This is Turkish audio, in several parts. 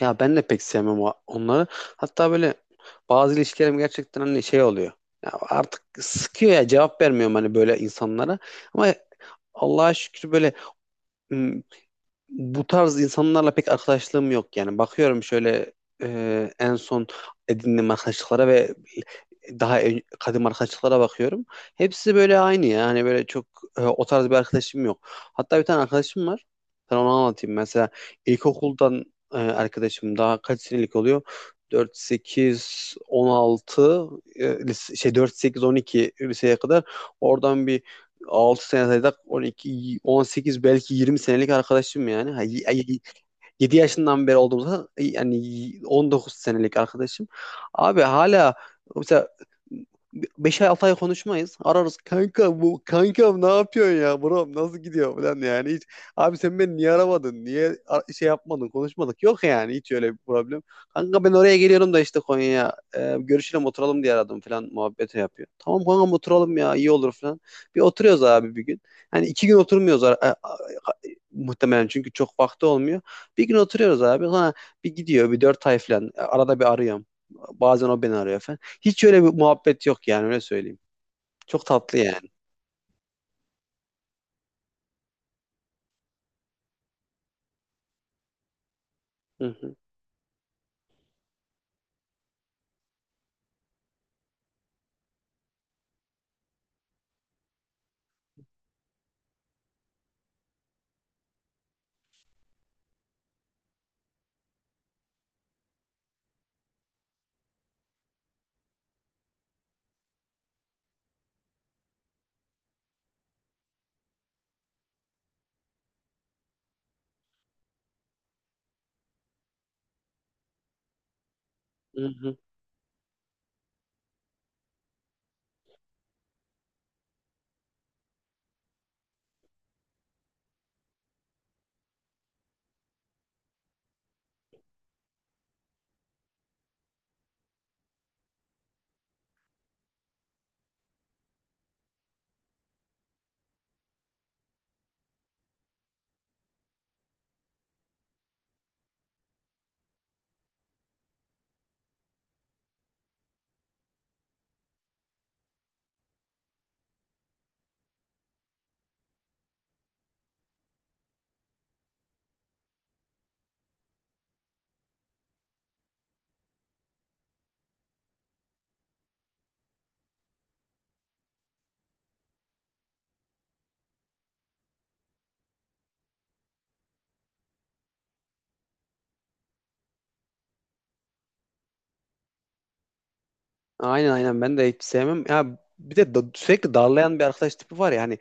Ya ben de pek sevmem onları. Hatta böyle bazı ilişkilerim gerçekten hani şey oluyor. Ya artık sıkıyor ya cevap vermiyorum hani böyle insanlara. Ama Allah'a şükür böyle bu tarz insanlarla pek arkadaşlığım yok yani. Bakıyorum şöyle en son edindiğim arkadaşlıklara ve daha kadim arkadaşlıklara bakıyorum. Hepsi böyle aynı ya. Hani böyle çok o tarz bir arkadaşım yok. Hatta bir tane arkadaşım var. Sana onu anlatayım. Mesela ilkokuldan arkadaşım daha kaç senelik oluyor? 4, 8, 16 4, 8, 12 liseye kadar, oradan bir 6 sene saysak 12, on sekiz, belki 20 senelik arkadaşım yani. 7 yaşından beri olduğumuzda yani 19 senelik arkadaşım. Abi hala mesela 5-6 ay, altı ay konuşmayız. Ararız, kanka bu kankam ne yapıyorsun ya, bro nasıl gidiyor falan, yani hiç abi sen beni niye aramadın, niye şey yapmadın, konuşmadık, yok yani hiç öyle bir problem. Kanka ben oraya geliyorum da işte Konya'ya, görüşelim oturalım diye aradım falan muhabbeti yapıyor. Tamam kankam, oturalım ya, iyi olur falan. Bir oturuyoruz abi bir gün. Hani iki gün oturmuyoruz, a- muhtemelen çünkü çok vakti olmuyor. Bir gün oturuyoruz abi. Sonra bir gidiyor bir dört ay falan. Arada bir arıyorum. Bazen o beni arıyor falan. Hiç öyle bir muhabbet yok yani, öyle söyleyeyim. Çok tatlı yani. Hı hı. Hı hı. Aynen aynen, ben de hiç sevmem. Ya bir de sürekli darlayan bir arkadaş tipi var ya, hani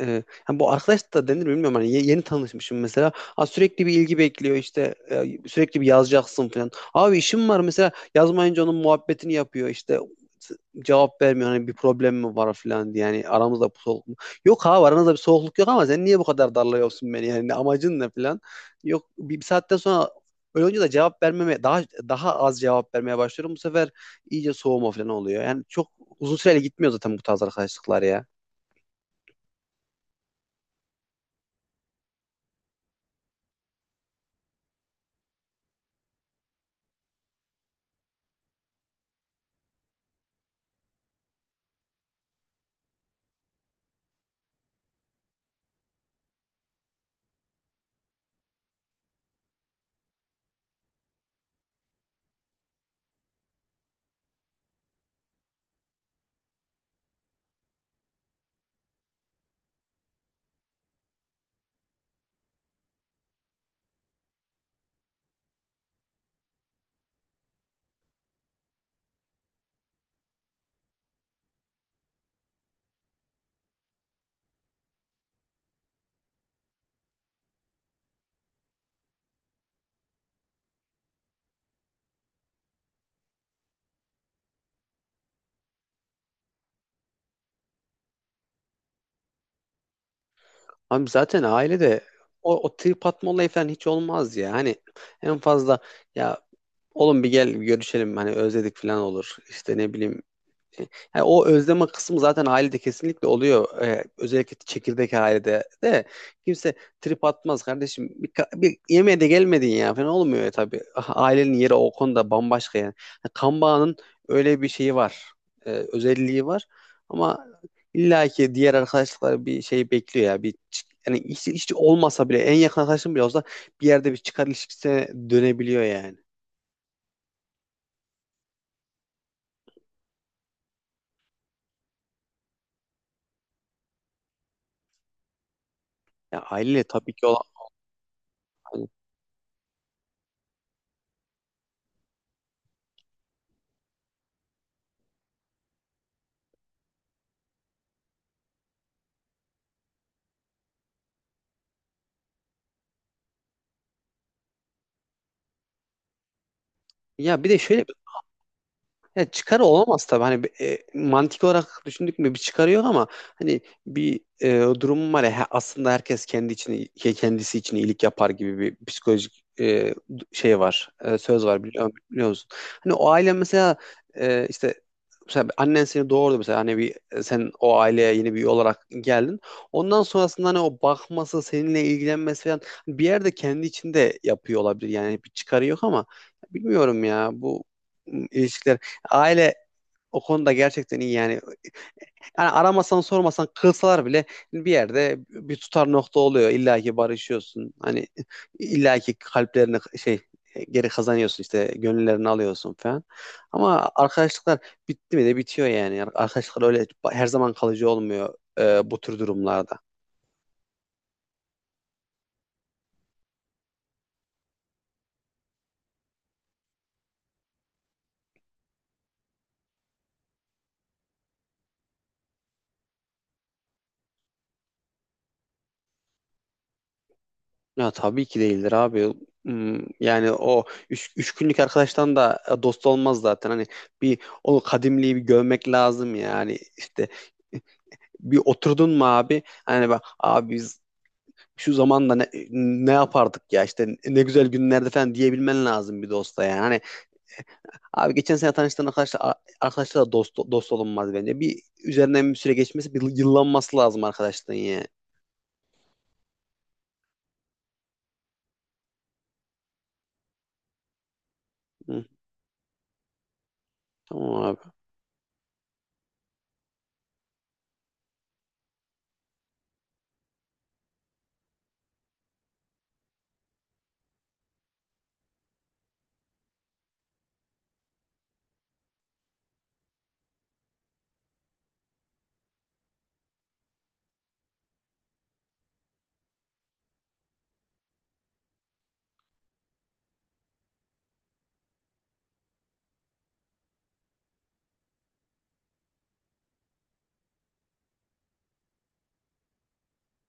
hani bu arkadaş da denir mi bilmiyorum, hani yeni tanışmışım mesela. Ha, sürekli bir ilgi bekliyor, işte sürekli bir yazacaksın falan. Abi işim var mesela, yazmayınca onun muhabbetini yapıyor, işte s- cevap vermiyor hani, bir problem mi var falan diye, yani aramızda bir soğukluk mu? Yok abi, aranızda bir soğukluk yok ama sen niye bu kadar darlıyorsun beni, yani amacın ne falan. Yok, bir saatten sonra öyle olunca da cevap vermeme, daha az cevap vermeye başlıyorum bu sefer, iyice soğuma falan oluyor. Yani çok uzun süreli gitmiyor zaten bu tarz arkadaşlıklar ya. Abi zaten ailede o trip atma olayı falan hiç olmaz ya. Hani en fazla ya oğlum bir gel bir görüşelim hani özledik falan olur. İşte ne bileyim, yani o özleme kısmı zaten ailede kesinlikle oluyor. Özellikle çekirdek ailede de kimse trip atmaz kardeşim. Bir yemeğe de gelmedin ya falan olmuyor ya tabii. Ah, ailenin yeri o konuda bambaşka yani. Yani kan bağının öyle bir şeyi var. Özelliği var. Ama illaki diğer arkadaşlıklar bir şey bekliyor ya. Yani hiç, hiç olmasa bile en yakın arkadaşın bile olsa bir yerde bir çıkar ilişkisine dönebiliyor yani. Ya aileyle tabii ki olan, ya bir de şöyle, ya çıkarı olamaz tabii. Hani bir, mantık olarak düşündük mü bir çıkarı yok ama hani bir durum var ya, aslında herkes kendi için, kendisi için iyilik yapar gibi bir psikolojik şey var. E, söz var, biliyor, biliyor musun? Hani o aile mesela, işte mesela annen seni doğurdu mesela, hani bir sen o aileye yeni bir üye olarak geldin. Ondan sonrasında hani o bakması, seninle ilgilenmesi falan, bir yerde kendi içinde yapıyor olabilir. Yani bir çıkarı yok ama bilmiyorum ya, bu ilişkiler, aile o konuda gerçekten iyi yani. Yani aramasan sormasan kılsalar bile bir yerde bir tutar nokta oluyor. İlla ki barışıyorsun. Hani illa ki kalplerini şey, geri kazanıyorsun, işte gönüllerini alıyorsun falan. Ama arkadaşlıklar bitti mi de bitiyor yani. Arkadaşlıklar öyle her zaman kalıcı olmuyor bu tür durumlarda. Ya tabii ki değildir abi. Hmm, yani o üç günlük arkadaştan da dost olmaz zaten. Hani bir o kadimliği bir görmek lazım yani. İşte e, bir oturdun mu abi? Hani bak abi, biz şu zamanda ne yapardık ya, işte ne güzel günlerde falan diyebilmen lazım bir dosta yani. Hani abi geçen sene tanıştığın arkadaşlar da dost olunmaz bence. Bir üzerinden bir süre geçmesi, bir yıllanması lazım arkadaşlığın yani. Hı, tamam abi.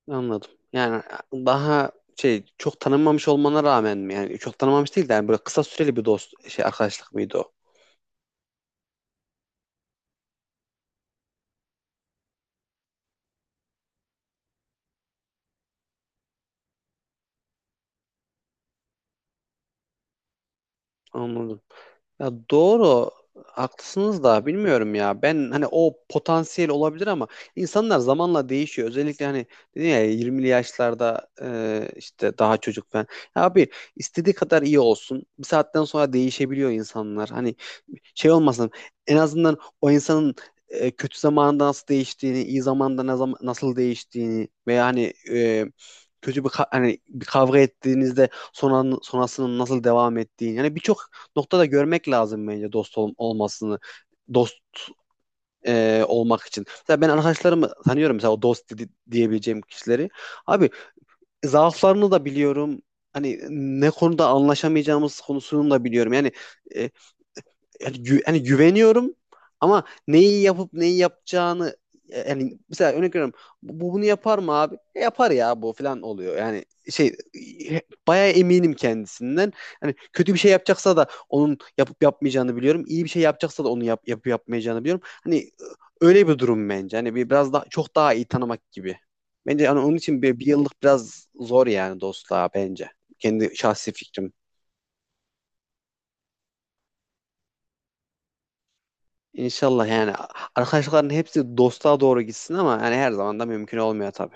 Anladım. Yani daha şey, çok tanınmamış olmana rağmen mi? Yani çok tanınmamış değil de, yani böyle kısa süreli bir dost şey arkadaşlık mıydı o? Anladım. Ya doğru, haklısınız da bilmiyorum ya. Ben hani o potansiyel olabilir ama insanlar zamanla değişiyor. Özellikle hani dedin ya, 20'li yaşlarda işte daha çocuk falan. Ya abi istediği kadar iyi olsun, bir saatten sonra değişebiliyor insanlar. Hani şey olmasın, en azından o insanın kötü zamanında nasıl değiştiğini, iyi zamanda ne zaman, nasıl değiştiğini, veya hani kötü bir hani bir kavga ettiğinizde sonra sonrasının nasıl devam ettiğini. Yani birçok noktada görmek lazım bence dost olmasını. Dost olmak için. Mesela ben arkadaşlarımı tanıyorum mesela, o dost diyebileceğim kişileri. Abi zaaflarını da biliyorum. Hani ne konuda anlaşamayacağımız konusunu da biliyorum. Yani e, hani güveniyorum ama neyi yapıp neyi yapacağını, yani mesela örnek veriyorum, bu bunu yapar mı abi? E, yapar ya bu, falan oluyor. Yani şey, e, bayağı eminim kendisinden. Hani kötü bir şey yapacaksa da onun yapıp yapmayacağını biliyorum. İyi bir şey yapacaksa da onu yapıp yapmayacağını biliyorum. Hani öyle bir durum bence. Hani biraz daha çok daha iyi tanımak gibi. Bence hani onun için bir yıllık biraz zor yani dostluğa bence. Kendi şahsi fikrim. İnşallah yani arkadaşlıkların hepsi dostluğa doğru gitsin ama yani her zaman da mümkün olmuyor tabii.